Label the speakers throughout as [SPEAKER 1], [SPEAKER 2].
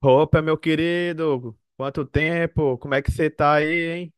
[SPEAKER 1] Opa, meu querido, quanto tempo? Como é que você tá aí, hein?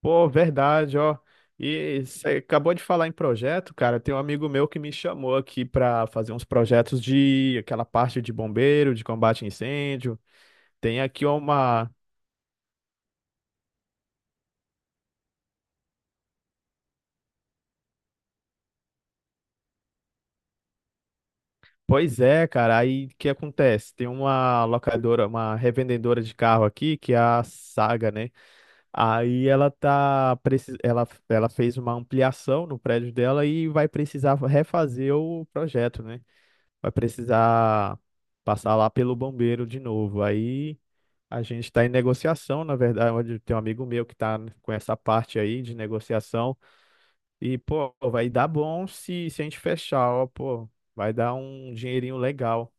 [SPEAKER 1] Pô, verdade, ó. E você acabou de falar em projeto, cara. Tem um amigo meu que me chamou aqui pra fazer uns projetos de aquela parte de bombeiro, de combate a incêndio. Tem aqui uma. Pois é, cara. Aí o que acontece? Tem uma locadora, uma revendedora de carro aqui, que é a Saga, né? Aí ela tá, ela, ela fez uma ampliação no prédio dela e vai precisar refazer o projeto, né? Vai precisar passar lá pelo bombeiro de novo. Aí a gente está em negociação, na verdade, tem um amigo meu que tá com essa parte aí de negociação e, pô, vai dar bom se a gente fechar, ó, pô, vai dar um dinheirinho legal.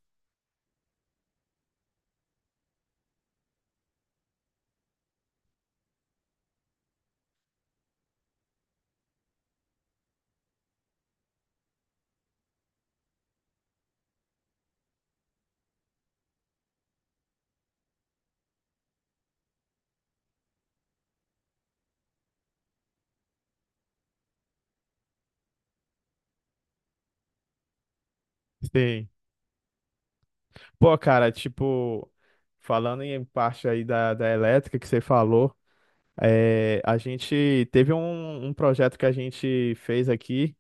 [SPEAKER 1] Sim. Pô, cara, tipo, falando em parte aí da elétrica que você falou, é, a gente teve um, um projeto que a gente fez aqui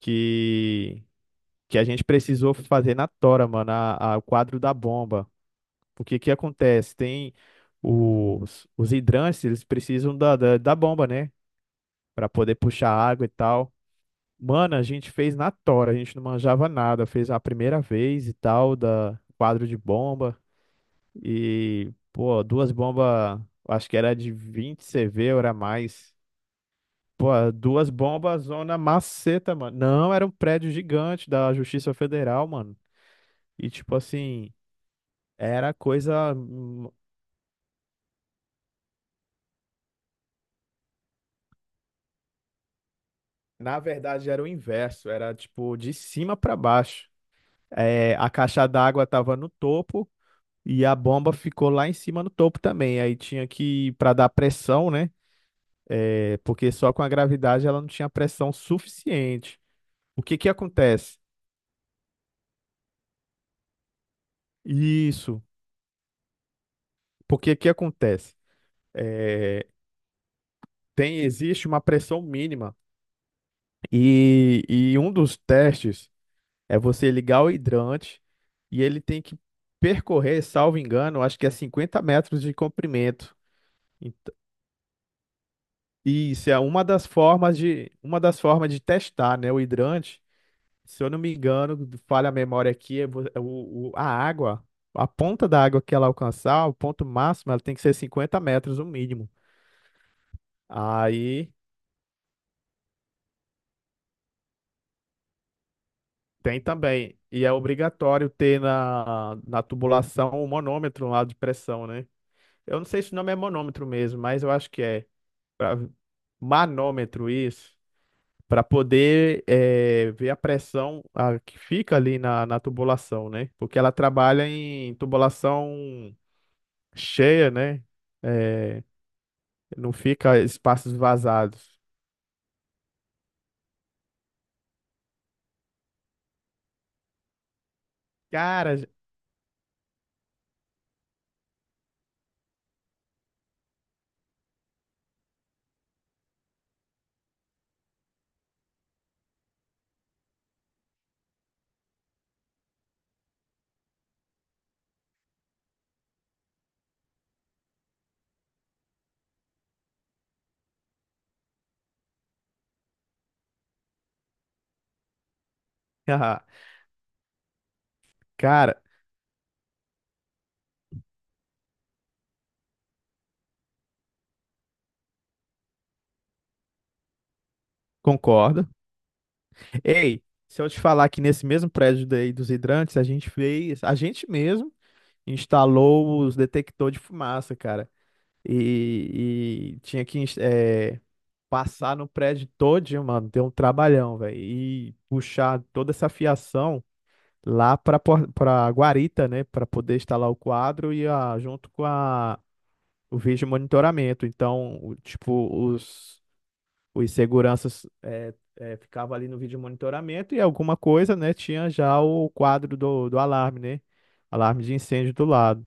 [SPEAKER 1] que, que a gente precisou fazer na tora, mano, o quadro da bomba. Porque que acontece? Tem os hidrantes, eles precisam da bomba, né? Pra poder puxar água e tal. Mano, a gente fez na tora, a gente não manjava nada. Fez a primeira vez e tal, da quadro de bomba. E, pô, duas bombas, acho que era de 20 CV, ou era mais. Pô, duas bombas, zona maceta, mano. Não, era um prédio gigante da Justiça Federal, mano. E, tipo assim, era coisa. Na verdade, era o inverso. Era, tipo, de cima pra baixo. É, a caixa d'água tava no topo e a bomba ficou lá em cima no topo também. Aí tinha que, pra dar pressão, né? É, porque só com a gravidade ela não tinha pressão suficiente. O que que acontece? Isso. Porque que acontece? É, Tem, existe uma pressão mínima. E um dos testes é você ligar o hidrante e ele tem que percorrer, salvo engano, acho que é 50 metros de comprimento. Ent- E isso é uma das formas de, uma das formas de testar, né? O hidrante, se eu não me engano, falha a memória aqui, é a água, a ponta da água que ela alcançar, o ponto máximo, ela tem que ser 50 metros, o mínimo. Aí. Tem também. E é obrigatório ter na tubulação o manômetro lá de pressão, né? Eu não sei se o nome é manômetro mesmo, mas eu acho que é. Pra- manômetro, isso. Para poder ver a pressão que fica ali na tubulação, né? Porque ela trabalha em tubulação cheia, né? Eh, não fica espaços vazados. Cara, cara, concordo. Ei, se eu te falar que nesse mesmo prédio daí dos hidrantes, a gente fez, a gente mesmo instalou os detectores de fumaça, cara. E tinha que passar no prédio todinho, mano. Deu um trabalhão, velho. E puxar toda essa fiação lá pra, pra guarita, né? Pra poder instalar o quadro e a, junto com a, o vídeo monitoramento. Então, tipo, os seguranças é, ficavam ali no vídeo monitoramento e alguma coisa, né, tinha já o quadro do alarme, né? Alarme de incêndio do lado.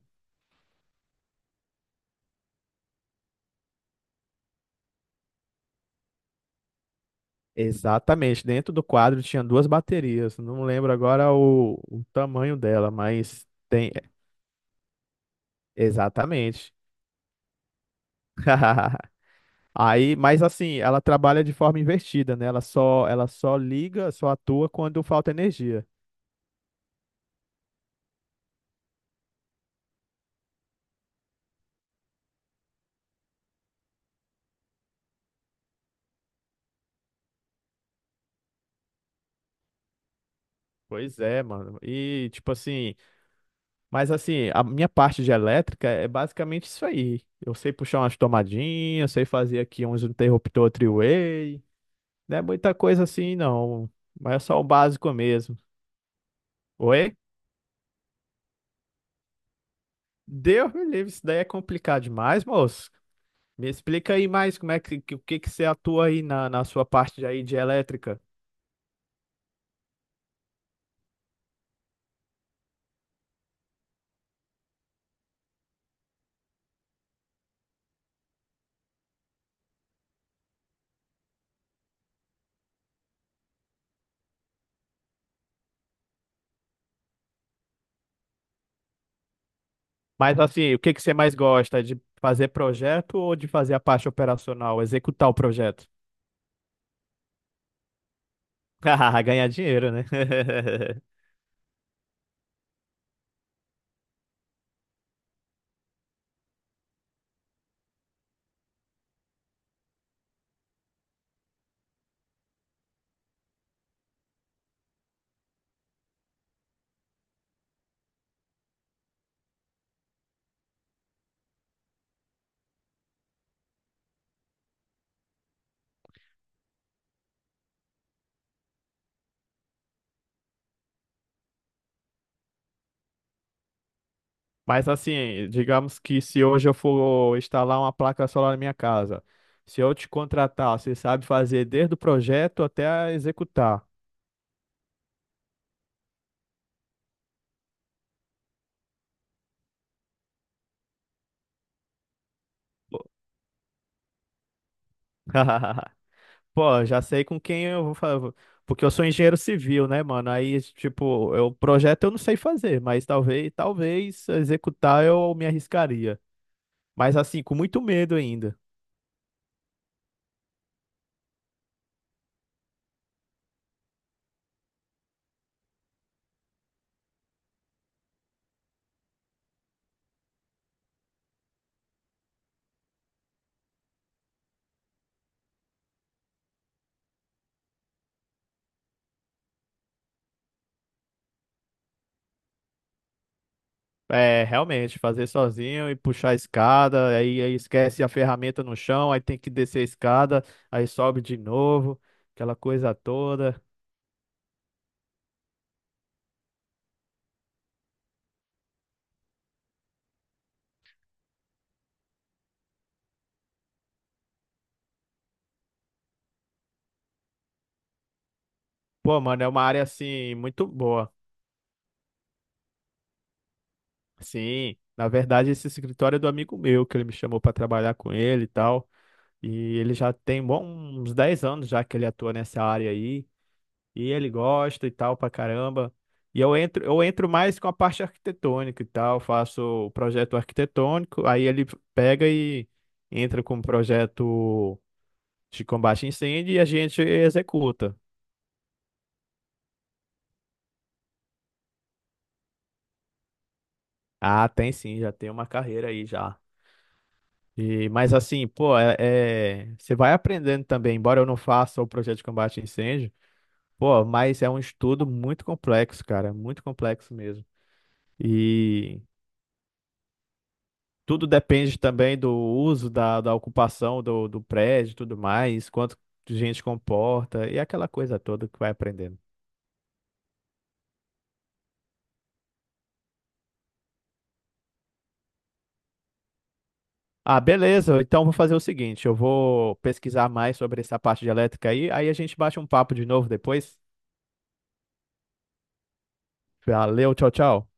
[SPEAKER 1] Exatamente, dentro do quadro tinha duas baterias, não lembro agora o tamanho dela, mas tem. Exatamente. Aí, mas assim, ela trabalha de forma invertida, né? Ela só liga, só atua quando falta energia. Pois é, mano. E tipo assim, mas assim, a minha parte de elétrica é basicamente isso aí. Eu sei puxar umas tomadinhas, sei fazer aqui uns interruptor three-way. Não é muita coisa assim, não. Mas é só o básico mesmo. Oi? Deus me livre, isso daí é complicado demais, moço. Me explica aí mais como é que, o que que você atua aí na sua parte aí de elétrica. Mas assim, o que que você mais gosta? De fazer projeto ou de fazer a parte operacional, executar o projeto? Ganhar dinheiro, né? Mas assim, digamos que se hoje eu for instalar uma placa solar na minha casa, se eu te contratar, você sabe fazer desde o projeto até executar. Pô, pô, já sei com quem eu vou fazer. Porque eu sou engenheiro civil, né, mano? Aí, tipo, eu projeto eu não sei fazer, mas talvez, talvez executar eu me arriscaria. Mas assim, com muito medo ainda. É, realmente, fazer sozinho e puxar a escada, aí, aí esquece a ferramenta no chão, aí tem que descer a escada, aí sobe de novo, aquela coisa toda. Pô, mano, é uma área assim muito boa. Sim, na verdade, esse escritório é do amigo meu, que ele me chamou pra trabalhar com ele e tal. E ele já tem bom, uns 10 anos já que ele atua nessa área aí. E ele gosta e tal pra caramba. E eu entro mais com a parte arquitetônica e tal, faço o projeto arquitetônico, aí ele pega e entra com o projeto de combate a incêndio e a gente executa. Ah, tem sim, já tem uma carreira aí já. E, mas assim, pô, você vai aprendendo também, embora eu não faça o projeto de combate a incêndio, pô, mas é um estudo muito complexo, cara, muito complexo mesmo. E tudo depende também do uso, da ocupação do prédio e tudo mais, quanto gente comporta e aquela coisa toda que vai aprendendo. Ah, beleza. Então vou fazer o seguinte, eu vou pesquisar mais sobre essa parte de elétrica aí, aí a gente bate um papo de novo depois. Valeu, tchau, tchau.